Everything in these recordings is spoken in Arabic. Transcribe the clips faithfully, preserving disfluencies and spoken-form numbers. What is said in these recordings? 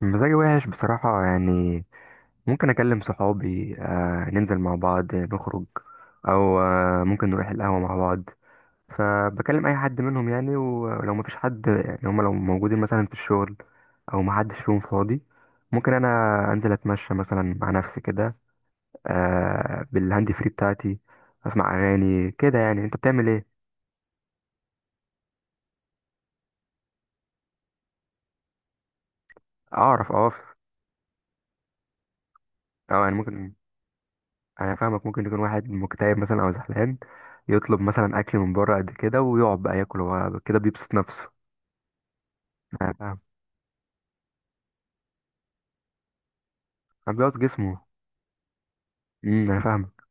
مزاجي وحش بصراحة يعني. ممكن أكلم صحابي، آه ننزل مع بعض نخرج، أو آه ممكن نروح القهوة مع بعض. فبكلم أي حد منهم يعني، ولو مفيش حد يعني هما لو موجودين مثلا في الشغل أو محدش فيهم فاضي، ممكن أنا أنزل أتمشى مثلا مع نفسي كده، آه بالهاند فري بتاعتي أسمع أغاني كده. يعني أنت بتعمل إيه؟ أعرف أقف. أه يعني ممكن، انا فاهمك. ممكن يكون واحد مكتئب مثلا او زعلان، يطلب مثلا اكل من بره قد كده ويقعد بقى ياكل، هو كده بيبسط نفسه. انا فاهم. انا بيقعد جسمه. امم انا فاهمك.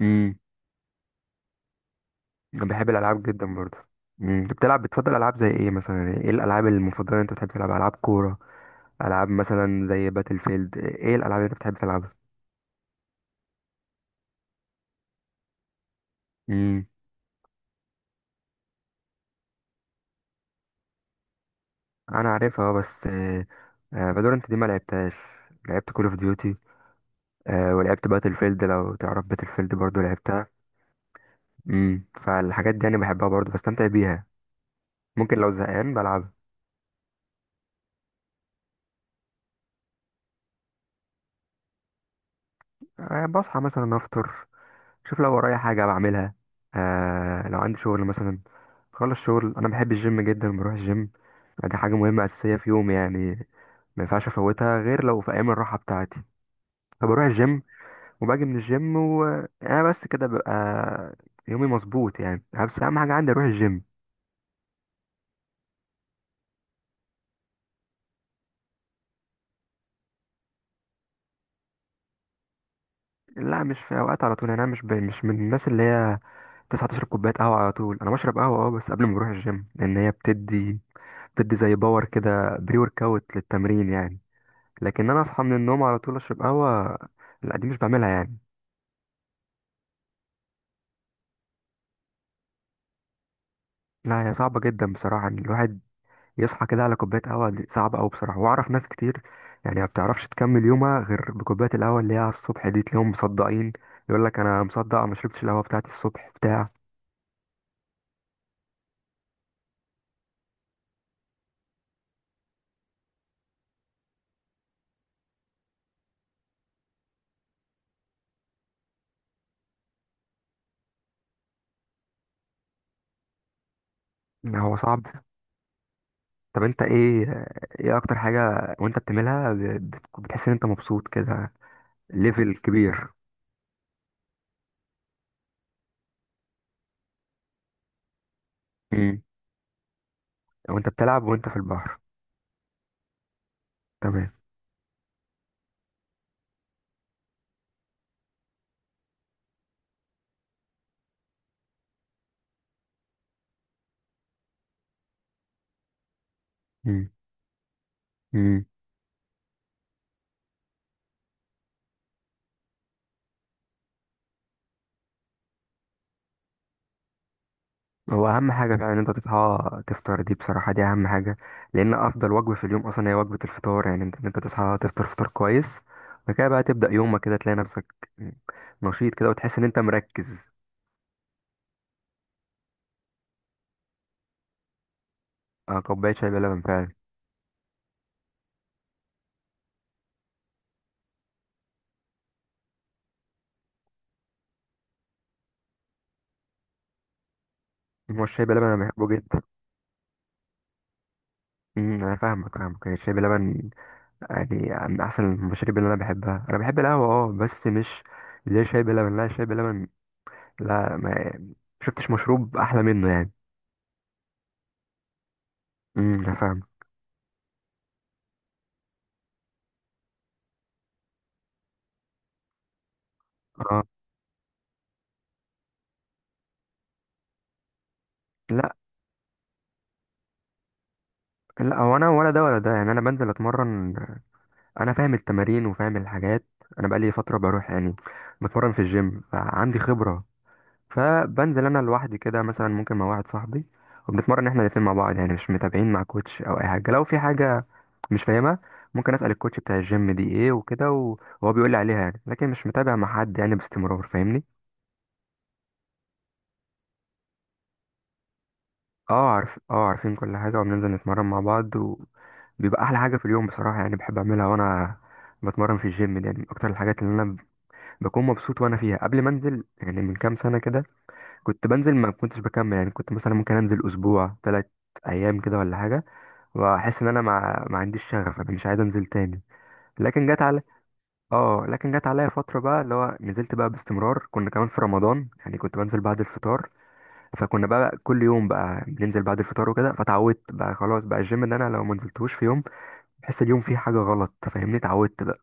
امم انا بحب الالعاب جدا برضه. امم انت بتلعب؟ بتفضل العاب زي ايه مثلا؟ ايه الالعاب المفضله اللي انت بتحب تلعبها؟ العاب كوره، العاب مثلا زي باتل فيلد؟ ايه الالعاب اللي انت بتحب تلعبها؟ امم انا عارفها اه، بس آه، آه، فالورنت دي ما لعبتهاش. لعبت كول اوف ديوتي، ولعبت باتل فيلد، لو تعرف باتل فيلد برضه لعبتها. امم فالحاجات دي انا بحبها برضه، بستمتع بيها. ممكن لو زهقان بلعبها. أه، بصحى مثلا افطر، شوف لو ورايا حاجه بعملها. أه لو عندي شغل مثلا، خلص شغل، انا بحب الجيم جدا، بروح الجيم. دي حاجه مهمه اساسيه في يومي يعني، ما ينفعش افوتها غير لو في ايام الراحه بتاعتي. فبروح الجيم وباجي من الجيم وانا بس كده ببقى يومي مظبوط يعني. بس اهم حاجه عندي اروح الجيم. لا مش في اوقات على طول يعني. انا مش ب... مش من الناس اللي هي تصحى تشرب كوباية قهوة على طول. أنا بشرب قهوة أه، بس قبل ما بروح الجيم، لأن هي بتدي بتدي زي باور كده، بري ورك أوت للتمرين يعني. لكن أنا أصحى من النوم على طول أشرب قهوة، لا دي مش بعملها يعني. لا هي صعبة جدا بصراحة إن الواحد يصحى كده على كوباية قهوة، دي صعبة أوي بصراحة. وأعرف ناس كتير يعني ما بتعرفش تكمل يومها غير بكوباية القهوة اللي هي على الصبح دي، تلاقيهم مصدقين، يقول لك أنا مصدق ما شربتش القهوة بتاعتي الصبح بتاع. هو صعب. طب أنت إيه؟ إيه أكتر حاجة وأنت بتعملها ب- بت- بتحس إن أنت مبسوط كده ليفل كبير؟ مم. لو انت بتلعب وانت في البحر؟ تمام. مم. مم. هو اهم حاجه فعلا ان انت تصحى تفطر، دي بصراحه دي اهم حاجه، لان افضل وجبه في اليوم اصلا هي وجبه الفطار. يعني انت ان انت تصحى تفطر فطار كويس وبعد كده بقى تبدا يومك كده، تلاقي نفسك نشيط كده وتحس ان انت مركز. اه كوبايه شاي بلبن فعلا. هو الشاي بلبن انا بحبه جدا. امم، انا فاهمك فاهمك يعني الشاي بلبن يعني من احسن المشاريب اللي انا بحبها. انا بحب القهوه اه، بس مش اللي هي شاي بلبن، لا الشاي بلبن لا ما شفتش مشروب احلى منه يعني. امم انا فاهم. اه، لا. لا هو انا ولا ده ولا ده يعني، انا بنزل اتمرن، انا فاهم التمارين وفاهم الحاجات. انا بقالي فتره بروح يعني، بتمرن في الجيم، فعندي خبره. فبنزل انا لوحدي كده، مثلا ممكن مع واحد صاحبي، وبنتمرن احنا الاتنين مع بعض يعني، مش متابعين مع كوتش او اي حاجه. لو في حاجه مش فاهمها ممكن اسال الكوتش بتاع الجيم دي ايه وكده، وهو بيقول لي عليها يعني، لكن مش متابع مع حد يعني باستمرار، فاهمني؟ اه عارف، اه عارفين كل حاجة وبننزل نتمرن مع بعض، وبيبقى أحلى حاجة في اليوم بصراحة يعني. بحب أعملها وأنا بتمرن في الجيم دي يعني، من أكتر الحاجات اللي أنا بكون مبسوط وأنا فيها. قبل ما أنزل يعني من كام سنة كده، كنت بنزل ما كنتش بكمل يعني، كنت مثلا ممكن أنزل أسبوع تلات أيام كده ولا حاجة، وأحس إن أنا ما, ما عنديش شغف، أنا مش عايز أنزل تاني. لكن جت على اه لكن جت عليا فترة بقى اللي هو نزلت بقى باستمرار. كنا كمان في رمضان يعني، كنت بنزل بعد الفطار، فكنا بقى كل يوم بقى بننزل بعد الفطار وكده، فتعودت بقى خلاص بقى الجيم، ان انا لو ما نزلتوش في يوم بحس اليوم فيه حاجه غلط، فاهمني؟ اتعودت بقى.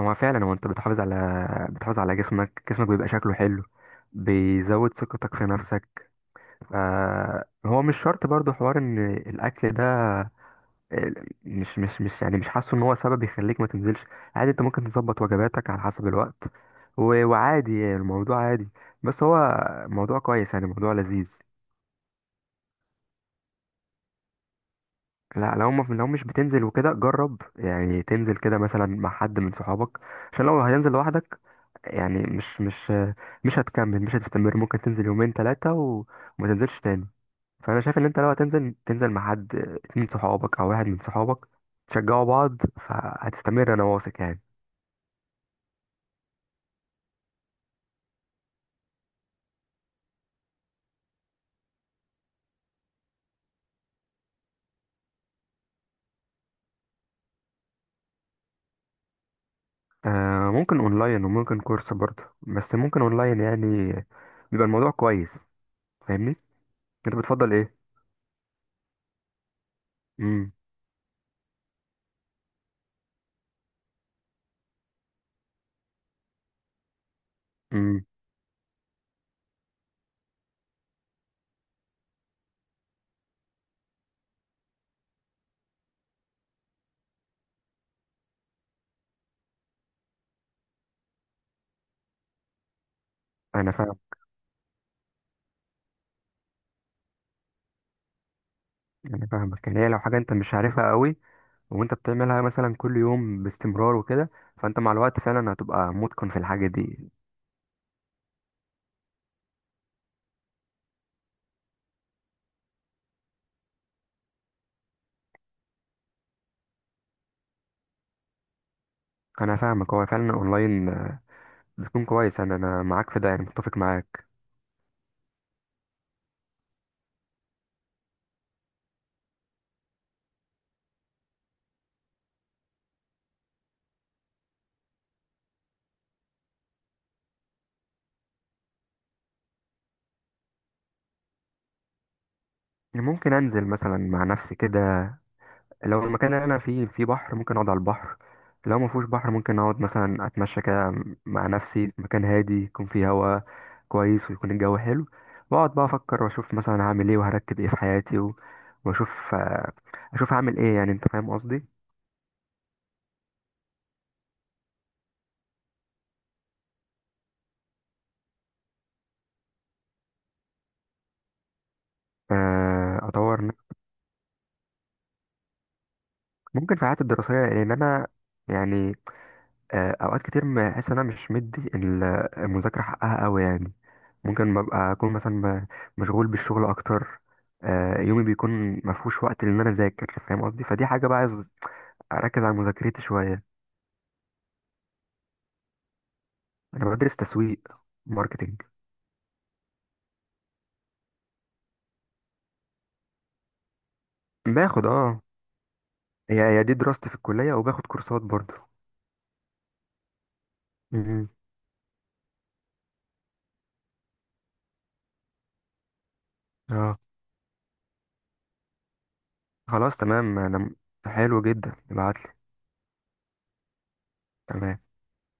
هو فعلا هو انت بتحافظ على بتحافظ على جسمك، جسمك بيبقى شكله حلو، بيزود ثقتك في نفسك. آه هو مش شرط برضو حوار ان الاكل ده آه، مش مش مش يعني مش حاسه ان هو سبب يخليك ما تنزلش. عادي انت ممكن تظبط وجباتك على حسب الوقت و- وعادي الموضوع عادي، بس هو موضوع كويس يعني، موضوع لذيذ. لا، لو ما لو مش بتنزل وكده، جرب يعني تنزل كده مثلا مع حد من صحابك، عشان لو هتنزل لوحدك يعني مش مش مش هتكمل، مش هتستمر، ممكن تنزل يومين ثلاثة وما تنزلش تاني. فانا شايف ان انت لو هتنزل تنزل مع حد، اتنين صحابك او واحد من صحابك، تشجعوا بعض، فهتستمر انا واثق يعني. آه ممكن اونلاين وممكن كورس برضه، بس ممكن اونلاين يعني بيبقى الموضوع كويس، فاهمني؟ انت بتفضل ايه؟ امم امم انا فاهم، يعني فاهمك، يعني هي لو حاجة انت مش عارفها قوي، وانت بتعملها مثلا كل يوم باستمرار وكده، فانت مع الوقت فعلا هتبقى متقن في الحاجة دي. انا فاهمك، هو فعلا اونلاين بيكون كويس، انا انا معاك في ده يعني، متفق معاك. ممكن انزل مثلا مع نفسي كده، لو المكان اللي انا فيه فيه بحر ممكن اقعد على البحر، لو ما فيهوش بحر ممكن اقعد مثلا اتمشى كده مع نفسي في مكان هادي، يكون فيه هوا كويس، ويكون الجو حلو، واقعد بقى افكر واشوف مثلا هعمل ايه وهرتب ايه في حياتي و... واشوف آه، اشوف هعمل ايه، يعني انت فاهم قصدي. آه، اطور نفسي. ممكن في حياتي الدراسيه، لان انا يعني آه، اوقات كتير بحس ان انا مش مدي ال- المذاكره حقها قوي يعني. ممكن ببقى اكون مثلا م- مشغول بالشغل اكتر، آه، يومي بيكون ما فيهوش وقت ان انا اذاكر، فاهم قصدي؟ فدي حاجه بقى عايز اركز على مذاكرتي شويه. انا بدرس تسويق، ماركتنج. باخد اه، هي هي دي دراستي في الكليه، وباخد كورسات برضه. مهم. اه، خلاص تمام انا، حلو جدا، ابعتلي. تمام.